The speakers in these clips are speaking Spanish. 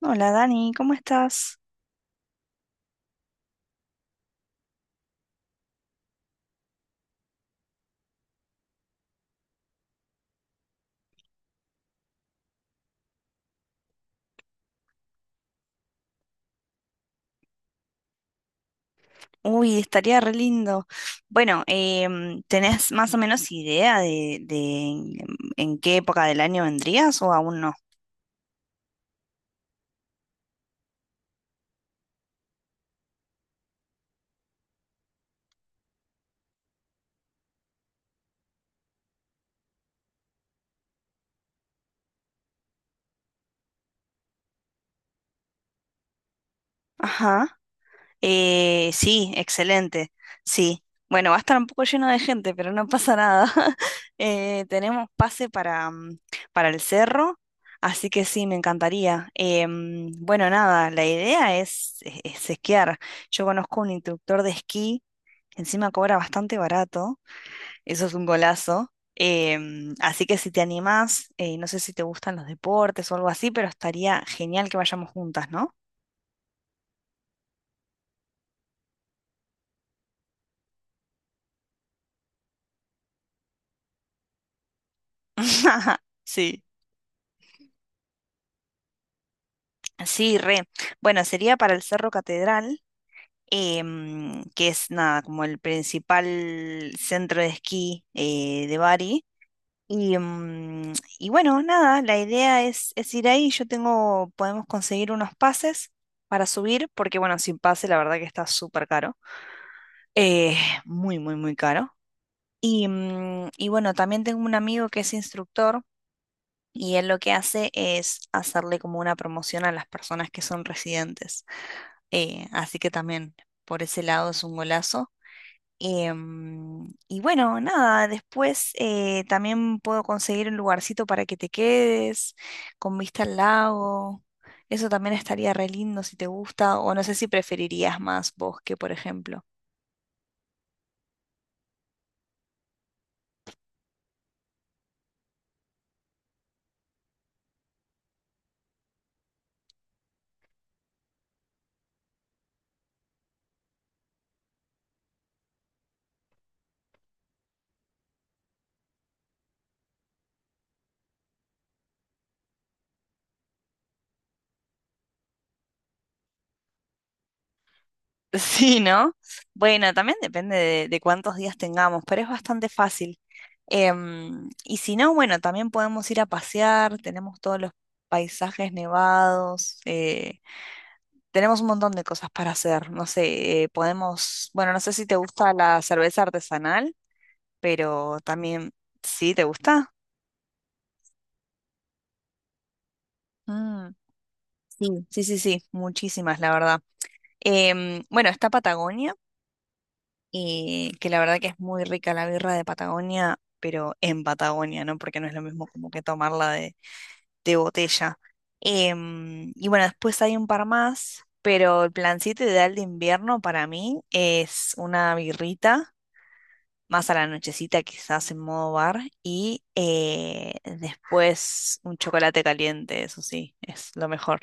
Hola Dani, ¿cómo estás? Uy, estaría re lindo. Bueno, ¿tenés más o menos idea de en, en qué época del año vendrías o aún no? Ajá. Sí, excelente. Sí. Bueno, va a estar un poco lleno de gente, pero no pasa nada. Tenemos pase para, para el cerro, así que sí, me encantaría. Bueno, nada, la idea es esquiar. Yo conozco un instructor de esquí que encima cobra bastante barato. Eso es un golazo. Así que si te animás, no sé si te gustan los deportes o algo así, pero estaría genial que vayamos juntas, ¿no? Sí. Sí, re. Bueno, sería para el Cerro Catedral, que es nada, como el principal centro de esquí de Bari. Y, mm, y bueno, nada, la idea es ir ahí. Yo tengo, podemos conseguir unos pases para subir, porque bueno, sin pase la verdad que está súper caro. Eh, muy, muy, muy caro. Y bueno, también tengo un amigo que es instructor y él lo que hace es hacerle como una promoción a las personas que son residentes. Así que también por ese lado es un golazo. Y bueno, nada, después también puedo conseguir un lugarcito para que te quedes con vista al lago. Eso también estaría re lindo si te gusta o no sé si preferirías más bosque, por ejemplo. Sí, ¿no? Bueno, también depende de cuántos días tengamos, pero es bastante fácil. Y si no, bueno, también podemos ir a pasear, tenemos todos los paisajes nevados, tenemos un montón de cosas para hacer, no sé, podemos, bueno, no sé si te gusta la cerveza artesanal, pero también, ¿sí te gusta? Mm, sí, sí, sí, sí, muchísimas, la verdad. Bueno, está Patagonia. Y que la verdad que es muy rica la birra de Patagonia, pero en Patagonia, ¿no? Porque no es lo mismo como que tomarla de botella. Y bueno, después hay un par más, pero el plancito ideal de invierno para mí es una birrita, más a la nochecita quizás en modo bar, y después un chocolate caliente, eso sí, es lo mejor.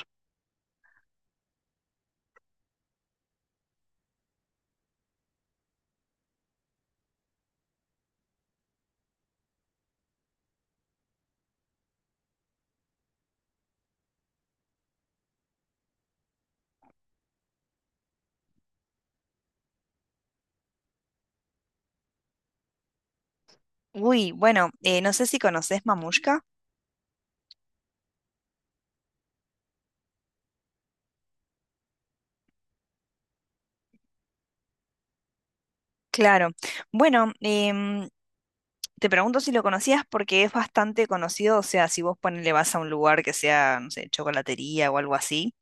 Uy, bueno, no sé si conoces Mamushka. Claro. Bueno, te pregunto si lo conocías porque es bastante conocido, o sea, si vos ponele vas a un lugar que sea, no sé, chocolatería o algo así,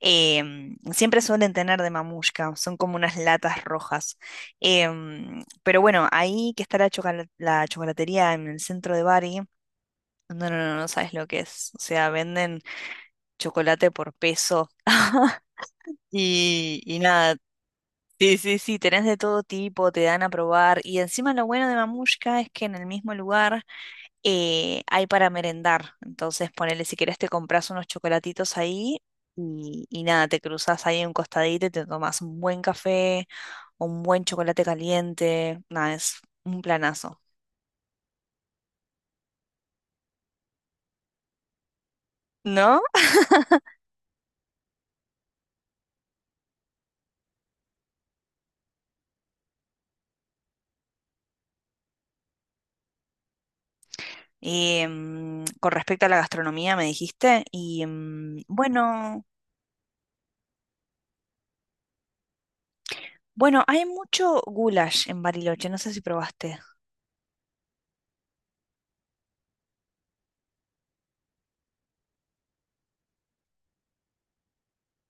siempre suelen tener de mamushka, son como unas latas rojas. Pero bueno, ahí que está la chocolatería en el centro de Bari, no, no, no, no sabes lo que es, o sea, venden chocolate por peso. Y nada, sí, sí, sí, tenés de todo tipo, te dan a probar. Y encima lo bueno de Mamushka es que en el mismo lugar hay para merendar. Entonces, ponele, si querés, te compras unos chocolatitos ahí y nada, te cruzas ahí en un costadito y te tomas un buen café, un buen chocolate caliente. Nada, es un planazo. ¿No? Con respecto a la gastronomía, me dijiste. Y bueno, bueno, hay mucho goulash en Bariloche, no sé si probaste.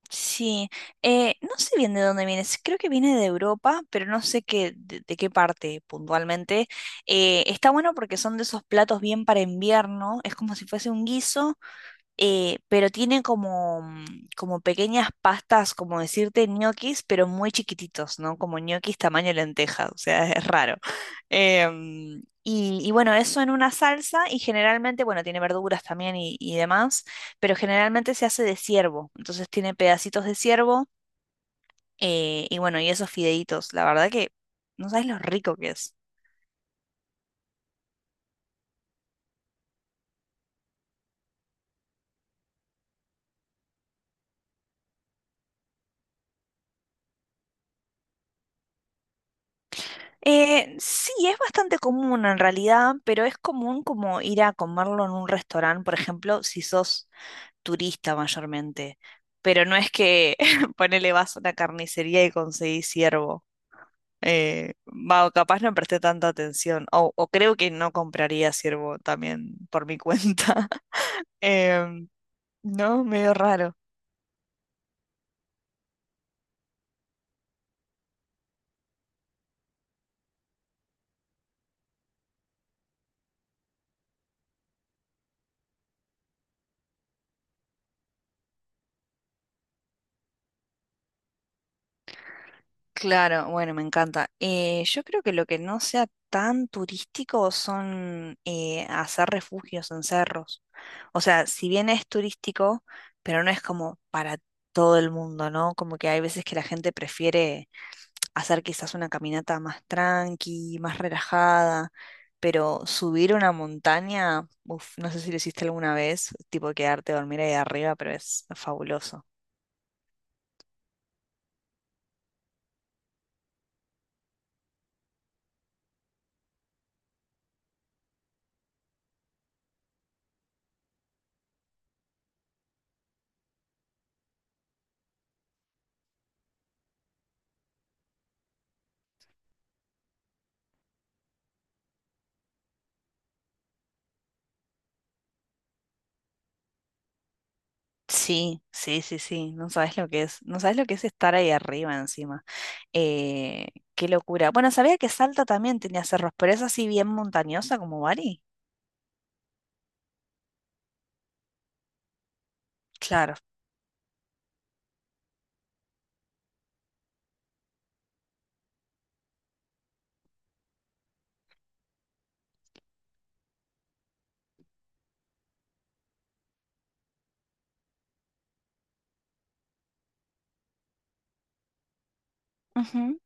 Sí, no sé bien de dónde viene, s- creo que viene de Europa, pero no sé qué, de qué parte puntualmente. Está bueno porque son de esos platos bien para invierno, es como si fuese un guiso, pero tiene como, como pequeñas pastas, como decirte, ñoquis, pero muy chiquititos, ¿no? Como ñoquis tamaño lenteja, o sea, es raro. Y bueno, eso en una salsa y generalmente, bueno, tiene verduras también y demás, pero generalmente se hace de ciervo, entonces tiene pedacitos de ciervo y bueno, y esos fideitos, la verdad que no sabes lo rico que es. Sí, es bastante común en realidad, pero es común como ir a comerlo en un restaurante, por ejemplo, si sos turista mayormente. Pero no es que ponele vas a una carnicería y conseguís ciervo. Va, o capaz no presté tanta atención. O creo que no compraría ciervo también por mi cuenta. Em, no, medio raro. Claro, bueno, me encanta. Yo creo que lo que no sea tan turístico son hacer refugios en cerros. O sea, si bien es turístico, pero no es como para todo el mundo, ¿no? Como que hay veces que la gente prefiere hacer quizás una caminata más tranqui, más relajada, pero subir una montaña, uf, no sé si lo hiciste alguna vez, tipo quedarte a dormir ahí arriba, pero es fabuloso. Sí, sí, sí, sí, no sabes lo que es, no sabes lo que es estar ahí arriba encima. Eh, qué locura. Bueno, sabía que Salta también tenía cerros, pero es así bien montañosa como Bari. Claro. Ujú.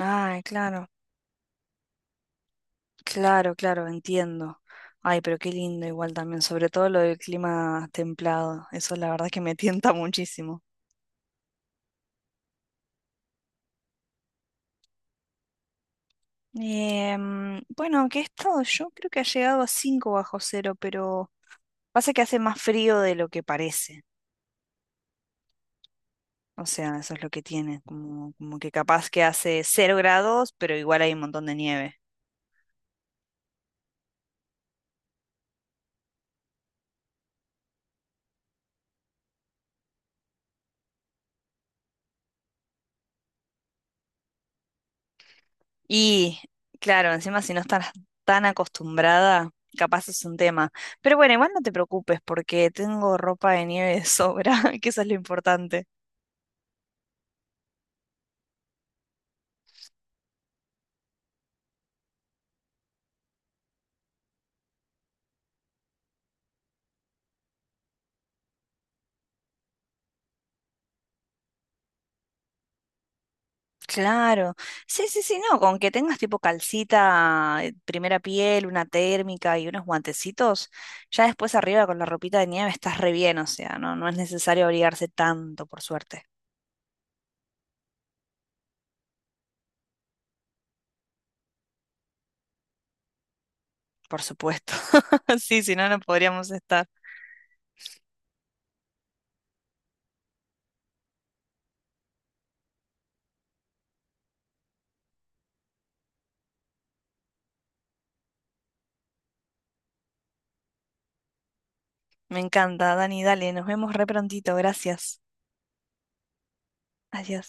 Ay, claro, claro, claro, entiendo. Ay, pero qué lindo igual también, sobre todo lo del clima templado, eso la verdad que me tienta muchísimo. Bueno, aunque he estado yo, creo que ha llegado a 5 bajo cero, pero pasa que hace más frío de lo que parece. O sea, eso es lo que tiene, como, como que capaz que hace cero grados, pero igual hay un montón de nieve. Y claro, encima si no estás tan acostumbrada, capaz es un tema. Pero bueno, igual no te preocupes porque tengo ropa de nieve de sobra, que eso es lo importante. Claro, sí, sí, sí, no, con que tengas tipo calcita, primera piel, una térmica y unos guantecitos, ya después arriba con la ropita de nieve estás re bien, o sea, no, no es necesario abrigarse tanto, por suerte. Por supuesto. Sí, si no, no podríamos estar. Me encanta, Dani, dale, nos vemos re prontito, gracias. Adiós.